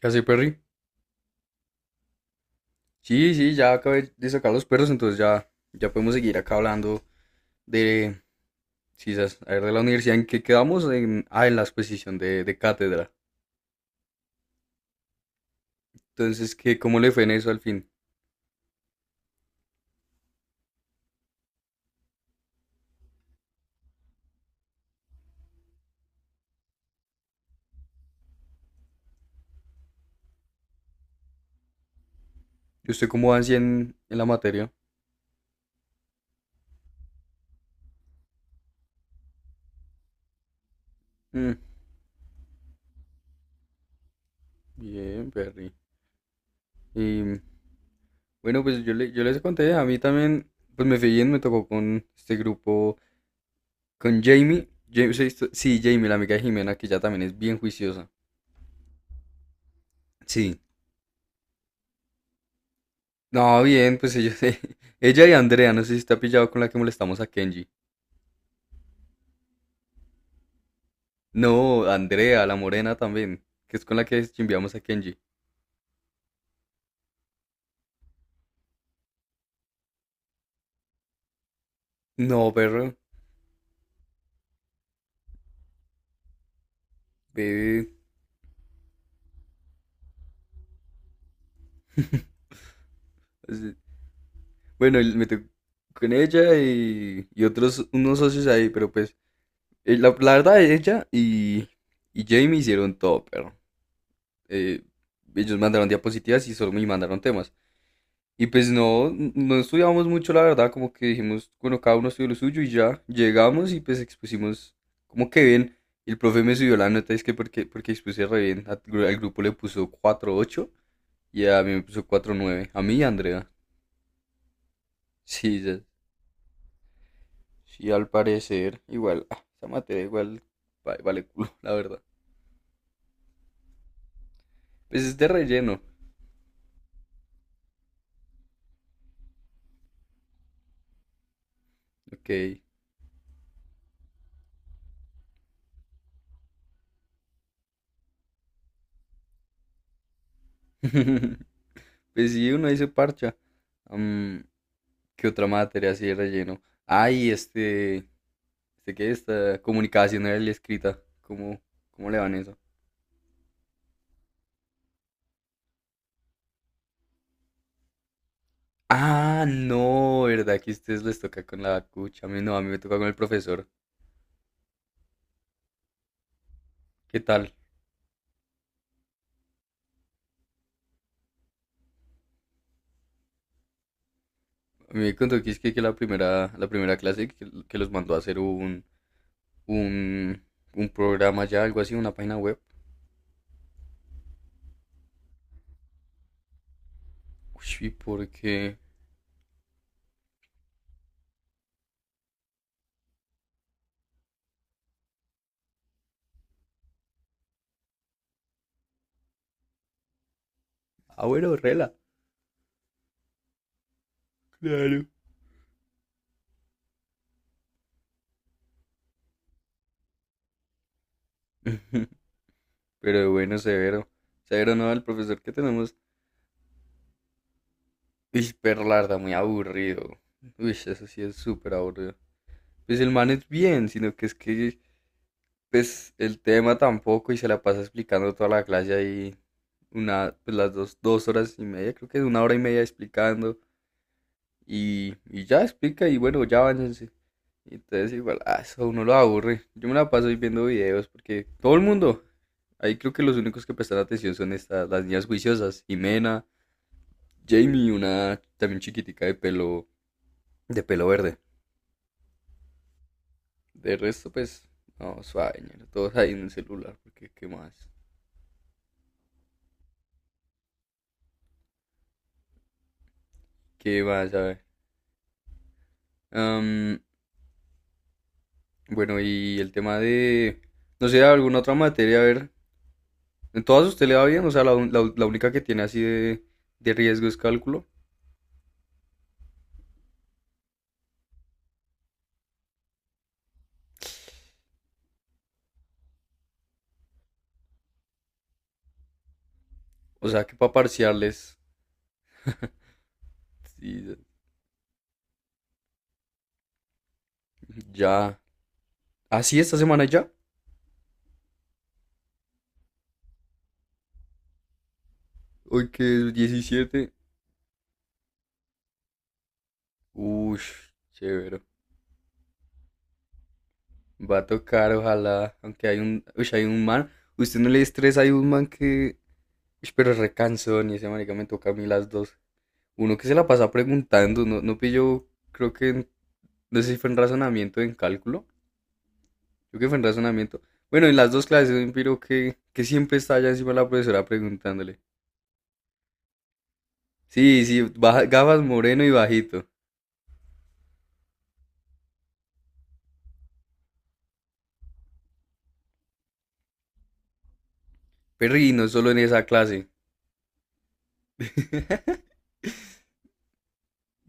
¿Qué hace, Perry? Sí, sí, ya acabé de sacar los perros, entonces ya, podemos seguir acá hablando de, sí, a ver, de la universidad en que quedamos, en la exposición de cátedra. Entonces, ¿qué, cómo le fue en eso al fin? ¿Y usted cómo va así en la materia? Mm, bien, Perry. Y bueno, pues yo, le, yo les conté, a mí también, pues me fue bien, me tocó con este grupo, con Jamie. Sí, sí, Jamie, la amiga de Jimena, que ya también es bien juiciosa. Sí. No, bien, pues ellos, ella y Andrea, no sé si está pillado con la que molestamos a Kenji. No, Andrea, la morena también, que es con la que chimbiamos a Kenji. No, perro, ve, pues, bueno, y me tocó con ella y otros, unos socios ahí, pero pues, la verdad, ella y Jamie hicieron todo, perro. Eh, Ellos mandaron diapositivas y solo me mandaron temas. Y pues no, no estudiábamos mucho, la verdad, como que dijimos, bueno, cada uno estudió lo suyo y ya llegamos y pues expusimos como que bien. Y el profe me subió la nota, es que porque expuse re bien. Al grupo le puso cuatro punto ocho y a mí me puso cuatro punto nueve. A mí y a Andrea. Sí, sí, al parecer, igual, ah, esa materia igual vale culo, la verdad. Pues es de relleno, ok. Pues sí, uno dice parcha. Am, ¿Qué otra materia así de relleno? Ay, este. Sé que esta comunicación era la escrita. ¿Cómo le van eso? Ah, no, ¿verdad? Que a ustedes les toca con la cucha. A mí no, a mí me toca con el profesor. ¿Qué tal? A mí me contó que es que la primera clase que los mandó a hacer un, un programa ya, algo así, una página web. Uy, ¿y por qué? Ah, bueno, rela. Claro. Pero bueno, severo. Severo, no, el profesor que tenemos. Uy, pero la verdad, muy aburrido. Uy, eso sí es súper aburrido. Pues el man es bien, sino que es que pues el tema tampoco y se la pasa explicando toda la clase ahí una, pues las dos, dos horas y media, creo que es una hora y media explicando y ya explica y bueno, ya váyanse. Entonces igual, ah, eso a uno lo aburre. Yo me la paso ahí viendo videos porque todo el mundo, ahí creo que los únicos que prestan atención son estas, las niñas juiciosas, Jimena, Jamie, una también chiquitica de pelo verde. De resto, pues, no, suave, ñero, todos ahí en el celular, porque qué más, a ver. Am, Bueno, y el tema de, no sé, alguna otra materia, a ver, en todas usted le va bien, o sea, la, un- la u- la única que tiene así de riesgo es cálculo, o sea, que para parciales, sí, ya, así esta semana ya, hoy que es 17, uff, chévere, va a tocar, ojalá, aunque hay un, uy, hay un man, usted no le estresa, hay un man que, uy, pero es recansón, y ese marica me toca a mí las dos, uno que se la pasa preguntando, no, no pillo, no sé si fue en razonamiento, o en cálculo. Yo que fue en razonamiento. Bueno, en las dos clases un piro que siempre está allá encima de la profesora preguntándole. Sí, sí, gafas, moreno y bajito. Perri, no solo en esa clase.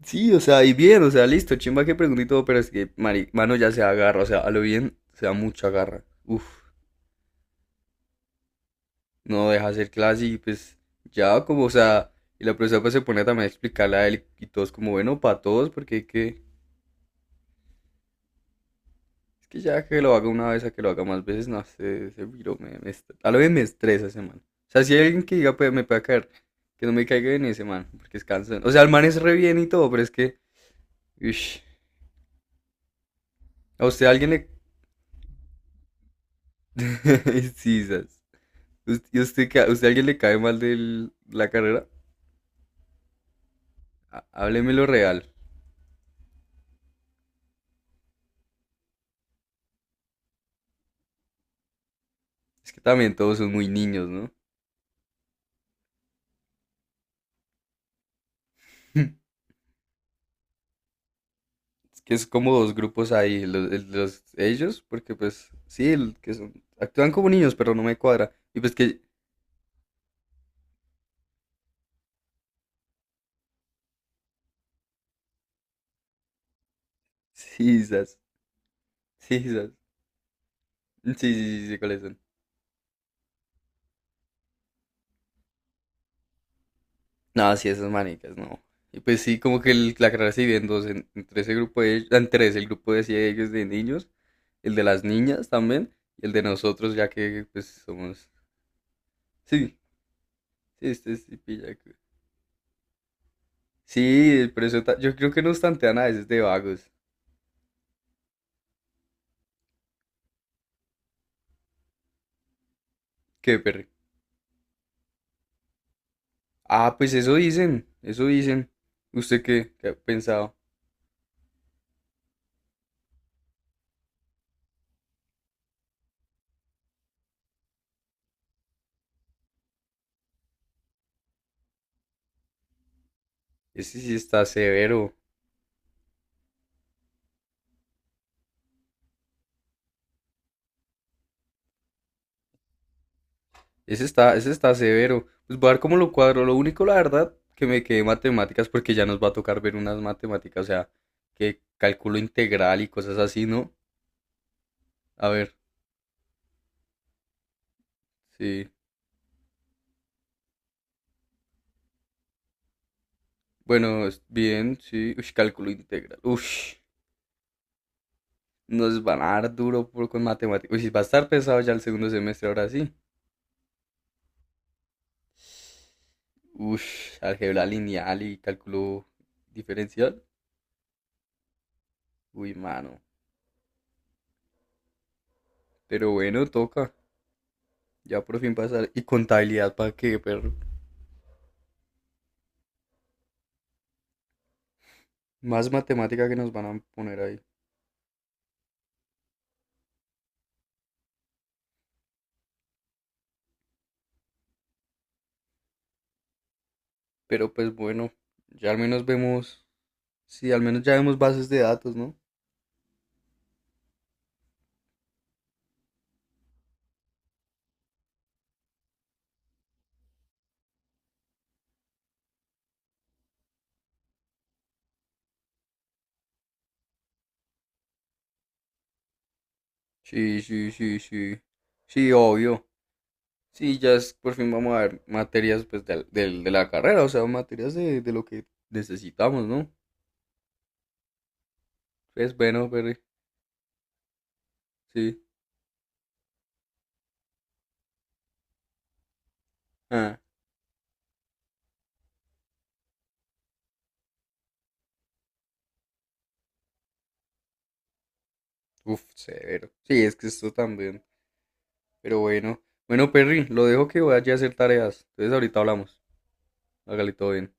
Sí, o sea, y bien, o sea, listo, chimba que pregunté y todo, pero es que, mano, ya se agarra, o sea, a lo bien, se da mucha garra. Uf, no deja hacer clase y pues, ya como, o sea, y la profesora pues se pone también a explicarle a él y todos como, bueno, para todos, porque hay que, es que ya que lo haga una vez a que lo haga más veces, no sé, ese virus a lo bien me estresa ese man. O sea, si hay alguien que diga, pues me puede caer, que no me caiga bien ese man, porque es cansón. O sea, el man es re bien y todo, pero es que, ush, a usted alguien le. Sí, sas. ¿Y usted, usted alguien le cae mal de la carrera? Hábleme lo real. Es que también todos son muy niños, ¿no? Es que es como dos grupos ahí, ellos, porque pues sí, el que son, actúan como niños, pero no me cuadra. Y pues que, sí, sas. Sí, quizás. Sí, sí, sí, sí, cuáles son. No, sí, esas manicas, no. Y pues sí, como que la carrera se divide en dos, entre ese grupo de, en tres, el grupo de ciegos de niños, el de las niñas también, y el de nosotros, ya que pues somos. Sí, sí, este sí pilla. Sí, pero yo creo que nos tantean a veces de vagos. Qué perro. Ah, pues eso dicen, eso dicen. ¿Usted qué, qué ha pensado? Ese sí está severo. Ese está severo. Pues voy a ver cómo lo cuadro. Lo único, la verdad, que me quedé matemáticas porque ya nos va a tocar ver unas matemáticas, o sea, que cálculo integral y cosas así, ¿no? A ver, sí. Bien, sí. Uy, cálculo integral. Uy, nos van a dar duro por, con matemáticas. Uy, sí, va a estar pesado ya el segundo semestre, ahora sí. Uy, álgebra lineal y cálculo diferencial. Uy, mano. Pero bueno, toca. Ya por fin pasar. Y contabilidad, ¿para qué, perro? Más matemática que nos van a poner ahí. Pero pues bueno, ya al menos vemos, sí, al menos ya vemos bases de datos, ¿no? Sí, sí, sí, sí. Sí, obvio. Sí, por fin vamos a ver materias pues de la carrera, o sea, materias de lo que necesitamos, ¿no? Es bueno, Perry. Sí. Ah, uf, severo. Sí, es que esto también. Pero bueno. Bueno, Perry, lo dejo que vaya a hacer tareas. Entonces ahorita hablamos. Hágale todo bien.